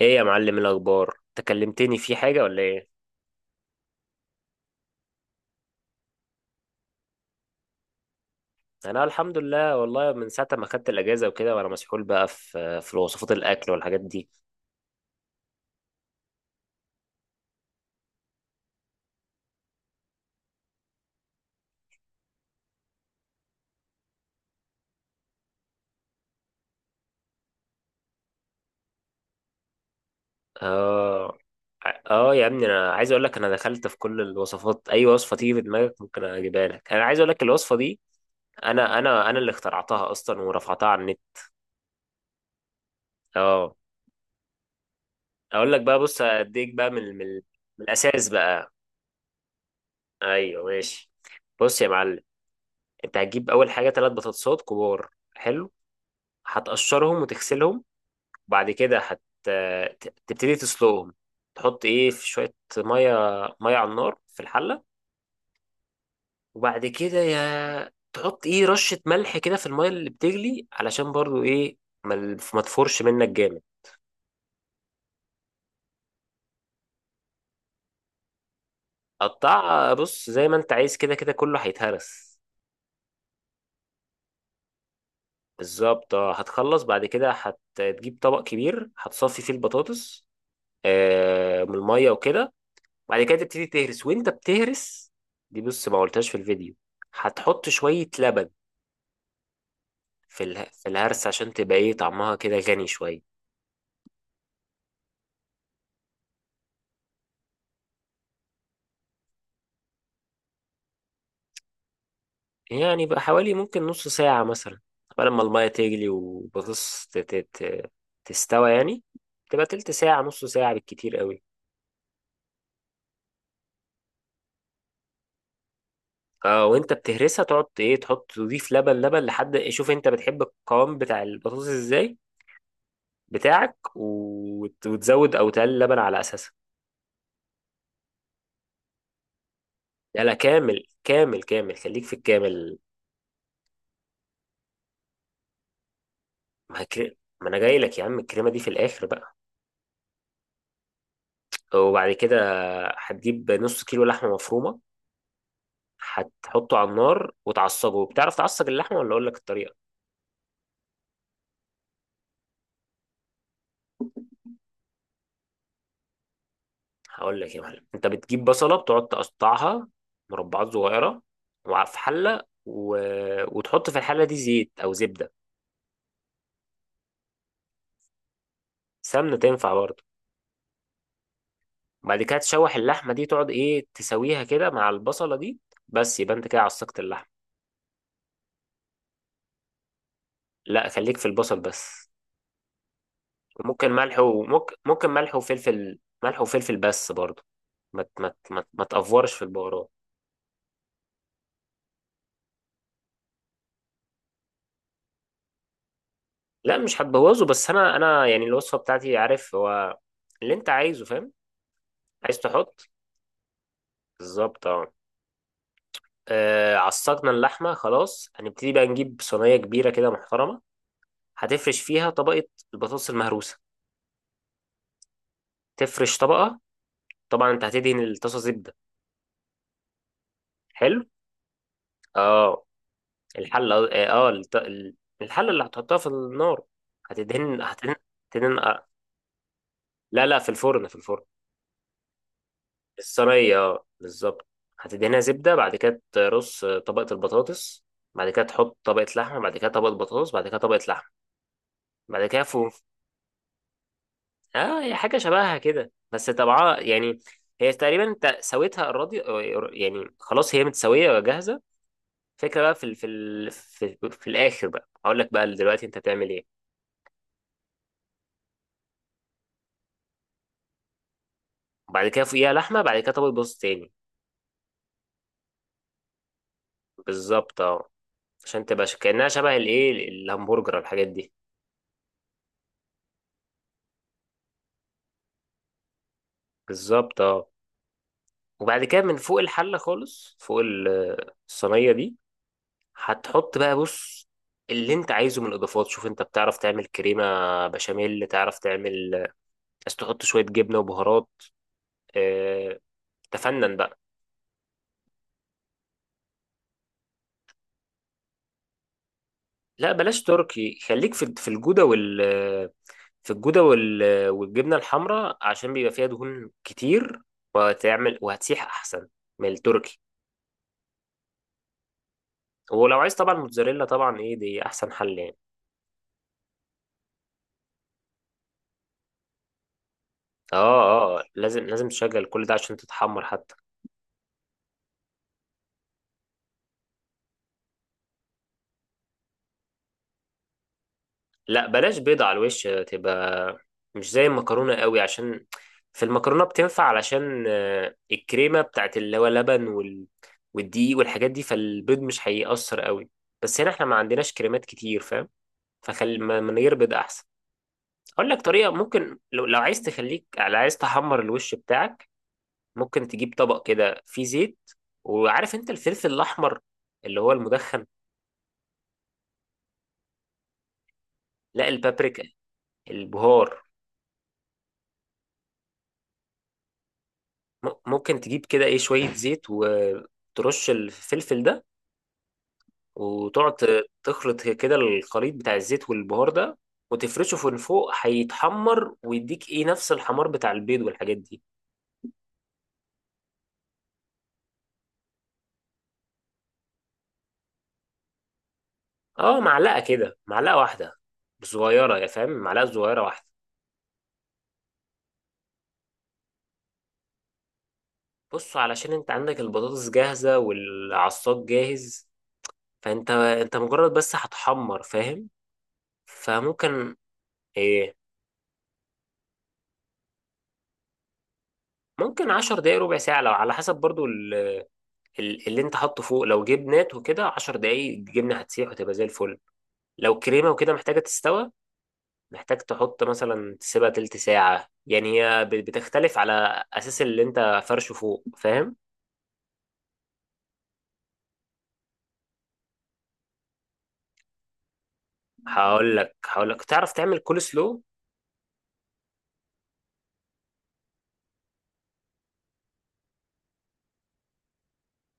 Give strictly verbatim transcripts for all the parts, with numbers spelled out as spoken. ايه يا معلم؟ الاخبار، تكلمتني في حاجه ولا ايه؟ انا الحمد لله، والله من ساعه ما خدت الاجازه وكده، وانا مسحول بقى في في وصفات الاكل والحاجات دي. اه، اه يا ابني، انا عايز اقول لك، انا دخلت في كل الوصفات، اي وصفه تيجي في دماغك ممكن اجيبها لك. انا عايز اقول لك الوصفه دي انا انا انا اللي اخترعتها اصلا ورفعتها على النت. اه، اقول لك بقى. بص، اديك بقى من من من الاساس بقى. ايوه ماشي. بص يا معلم، انت هتجيب اول حاجه ثلاث بطاطسات كبار. حلو. هتقشرهم وتغسلهم، وبعد كده هت ت- تبتدي تسلقهم. تحط ايه؟ في شوية مية، مية على النار في الحلة. وبعد كده يا تحط ايه، رشة ملح كده في المية اللي بتغلي، علشان برضو ايه، ما ال- ما تفورش منك جامد. قطع، بص زي ما انت عايز، كده كده كله هيتهرس. بالظبط اه. هتخلص، بعد كده هتجيب طبق كبير، هتصفي فيه البطاطس آه من المية وكده. بعد كده تبتدي تهرس، وانت بتهرس، دي بص ما قلتهاش في الفيديو، هتحط شوية لبن في اله- في الهرس، عشان تبقى ايه، طعمها كده غني شوية. يعني بقى حوالي ممكن نص ساعة مثلا، قبل ما المية تغلي وبطس ت- ت- ت- تستوى يعني، تبقى تلت ساعة، نص ساعة بالكتير قوي. اه، وانت بتهرسها تقعد ايه، تحط تضيف لبن لبن لحد، شوف انت بتحب القوام بتاع البطاطس ازاي بتاعك، وت- وتزود او تقلل لبن على اساسها. لا لا، كامل كامل كامل، خليك في الكامل. ما هك- ما انا جاي لك يا عم، الكريمة دي في الاخر بقى. وبعد كده هتجيب نص كيلو لحمه مفرومه، هتحطه على النار وتعصجه. بتعرف تعصج اللحمه ولا اقول لك الطريقه؟ هقول لك يا معلم. انت بتجيب بصله، بتقعد تقطعها مربعات صغيره، وع- في حله و... وتحط في الحله دي زيت او زبده. سمنه تنفع برضه. بعد كده تشوح اللحمه دي، تقعد ايه، تسويها كده مع البصله دي، بس يبقى انت كده عصجت اللحمه. لا، خليك في البصل بس. ممكن ملح، وممكن ممكن ملح وفلفل، ملح وفلفل بس برضه. ما ت- ما ت- ما ت- ما تأفورش في البهارات. لا مش هتبوظه، بس انا انا يعني الوصفه بتاعتي، عارف هو اللي انت عايزه، فاهم. عايز تحط. بالظبط اه. آه، عصقنا اللحمه، خلاص هنبتدي بقى نجيب صينيه كبيره كده محترمه. هتفرش فيها طبقه البطاطس المهروسه، تفرش طبقه. طبعا انت هتدهن الطاسه زبده. حلو. اه، الحله اه، آه، الط- ال- الحله اللي هتحطها في النار هتدهن هتدهن هتدهن آه. لا لا، في الفرن في الفرن. الصينية اه، بالظبط. هتدهنها زبدة، بعد كده ترص طبقة البطاطس، بعد كده تحط طبقة لحمة، بعد كده طبقة بطاطس، بعد كده طبقة لحمة، بعد كده فوق. اه، هي حاجة شبهها كده، بس طبعا يعني هي تقريبا انت سويتها الراضي، يعني خلاص هي متسوية وجاهزة. فكرة بقى في ال... في ال... في, في الآخر، بقى هقول لك بقى دلوقتي انت تعمل ايه. بعد كده فوقيها لحمة، بعد كده طبقة بطاطس تاني. بالظبط اه، عشان تبقى ش- كأنها شبه الايه، الهمبرجر، الحاجات دي. بالظبط اه. وبعد كده من فوق الحلة خالص، فوق ال- الصينية دي، هتحط بقى، بص اللي انت عايزه من اضافات. شوف، انت بتعرف تعمل كريمة بشاميل؟ تعرف تعمل، بس تحط شوية جبنة وبهارات. اه، تفنن بقى. لا بلاش تركي، خليك في في الجودة وال في الجودة وال والجبنة الحمراء، عشان بيبقى فيها دهون كتير، وتعمل وهتسيح احسن من التركي. ولو عايز طبعا موتزاريلا، طبعا ايه، دي احسن حل يعني. اه اه، آه، لازم، لازم تشغل كل ده عشان تتحمر حتى. لا بلاش بيضة على الوش، تبقى مش زي المكرونة قوي، عشان في المكرونة بتنفع علشان آه، الكريمة بتاعت اللي هو لبن وال... والدقيق والحاجات دي، فالبيض مش هيأثر قوي. بس هنا احنا ما عندناش كريمات كتير، فاهم، فخلي ما- من غير بيض احسن. اقول لك طريقة ممكن، لو, لو عايز تخليك، لو عايز تحمر الوش بتاعك، ممكن تجيب طبق كده فيه زيت. وعارف انت الفلفل الاحمر اللي هو المدخن؟ لا، البابريكا، البهار. م- ممكن تجيب كده ايه، شوية زيت وترش الفلفل ده، وتقعد ت- تخلط كده الخليط بتاع الزيت والبهار ده، وتفرشه من فوق، هيتحمر ويديك ايه، نفس الحمار بتاع البيض والحاجات دي. اه، معلقة كده، معلقة واحدة صغيرة، يا فاهم، معلقة صغيرة واحدة. بص، علشان انت عندك البطاطس جاهزة والعصاج جاهز، فانت انت مجرد بس هتحمر فاهم، فممكن ايه، ممكن عشر دقايق، ربع ساعة، لو على حسب برضو ال- اللي انت حاطه فوق. لو جبنات وكده 10 دقايق الجبنه هتسيح وتبقى زي الفل. لو كريمه وكده محتاجه تستوى، محتاج تحط مثلا، تسيبها تلت ساعه يعني. هي ب- بتختلف على اساس اللي انت فرشه فوق فاهم. هقول لك هقول لك تعرف تعمل كول سلو؟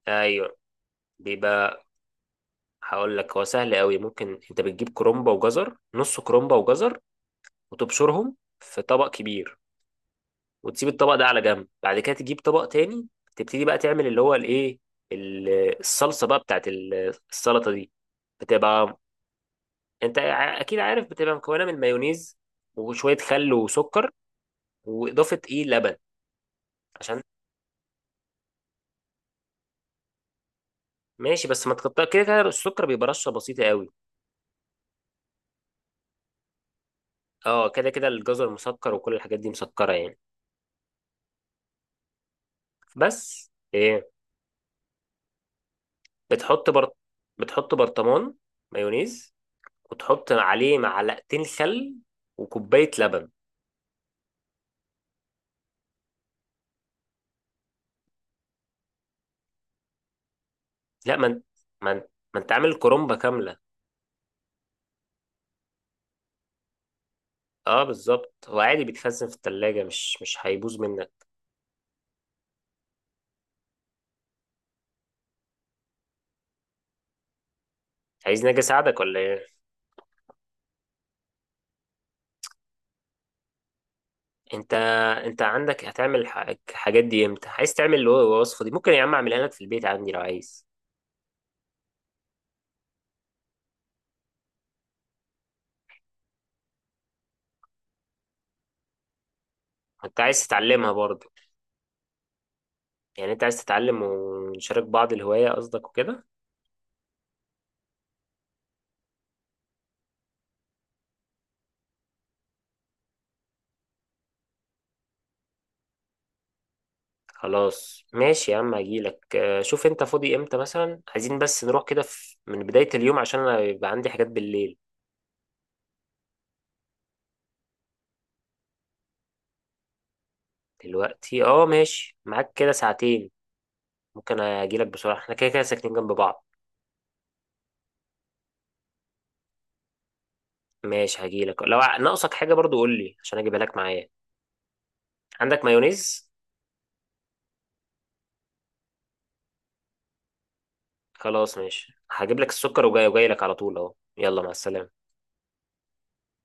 ايوه، بيبقى. هقول لك، هو سهل قوي. ممكن انت بتجيب كرومبه وجزر، نص كرومبه وجزر، وتبشرهم في طبق كبير، وتسيب الطبق ده على جنب. بعد كده تجيب طبق تاني، تبتدي بقى تعمل اللي هو الايه، ال- الصلصه بقى بتاعت ال- السلطه دي، بتبقى انت ع- اكيد عارف، بتبقى مكونه من مايونيز وشويه خل وسكر، واضافه ايه، لبن، عشان. ماشي، بس ما تقطع، كده كده السكر بيبقى رشه بسيطه قوي. اه، كده كده الجزر مسكر وكل الحاجات دي مسكره يعني. بس ايه، بتحط بر... بتحط برطمان مايونيز، وتحط عليه معلقتين خل، وكوبايه لبن. لا، ما انت ما انت ما انت عامل كرومبة كاملة. اه بالظبط، هو عادي بيتخزن في التلاجة، مش مش هيبوظ منك. عايزني اجي اساعدك ولا ايه؟ انت انت عندك هتعمل ح- الحاجات دي امتى؟ عايز تعمل الوصفة دي، ممكن يا عم اعملها لك في البيت عندي لو عايز. انت عايز تتعلمها برضه، يعني انت عايز تتعلم ونشارك بعض الهواية قصدك وكده. خلاص ماشي يا عم، هجيلك آه، شوف انت فاضي امتى مثلا، عايزين بس نروح كده في- من بداية اليوم، عشان انا يبقى عندي حاجات بالليل. دلوقتي اه، ماشي معاك، كده ساعتين ممكن اجيلك بسرعه، احنا كده كده ساكنين جنب بعض. ماشي هجيلك، لو ع- ناقصك حاجه برضو قول لي عشان اجيبها لك معايا. عندك مايونيز؟ خلاص ماشي، هجيب لك السكر، وجاي وجاي لك على طول اهو، يلا مع السلامه.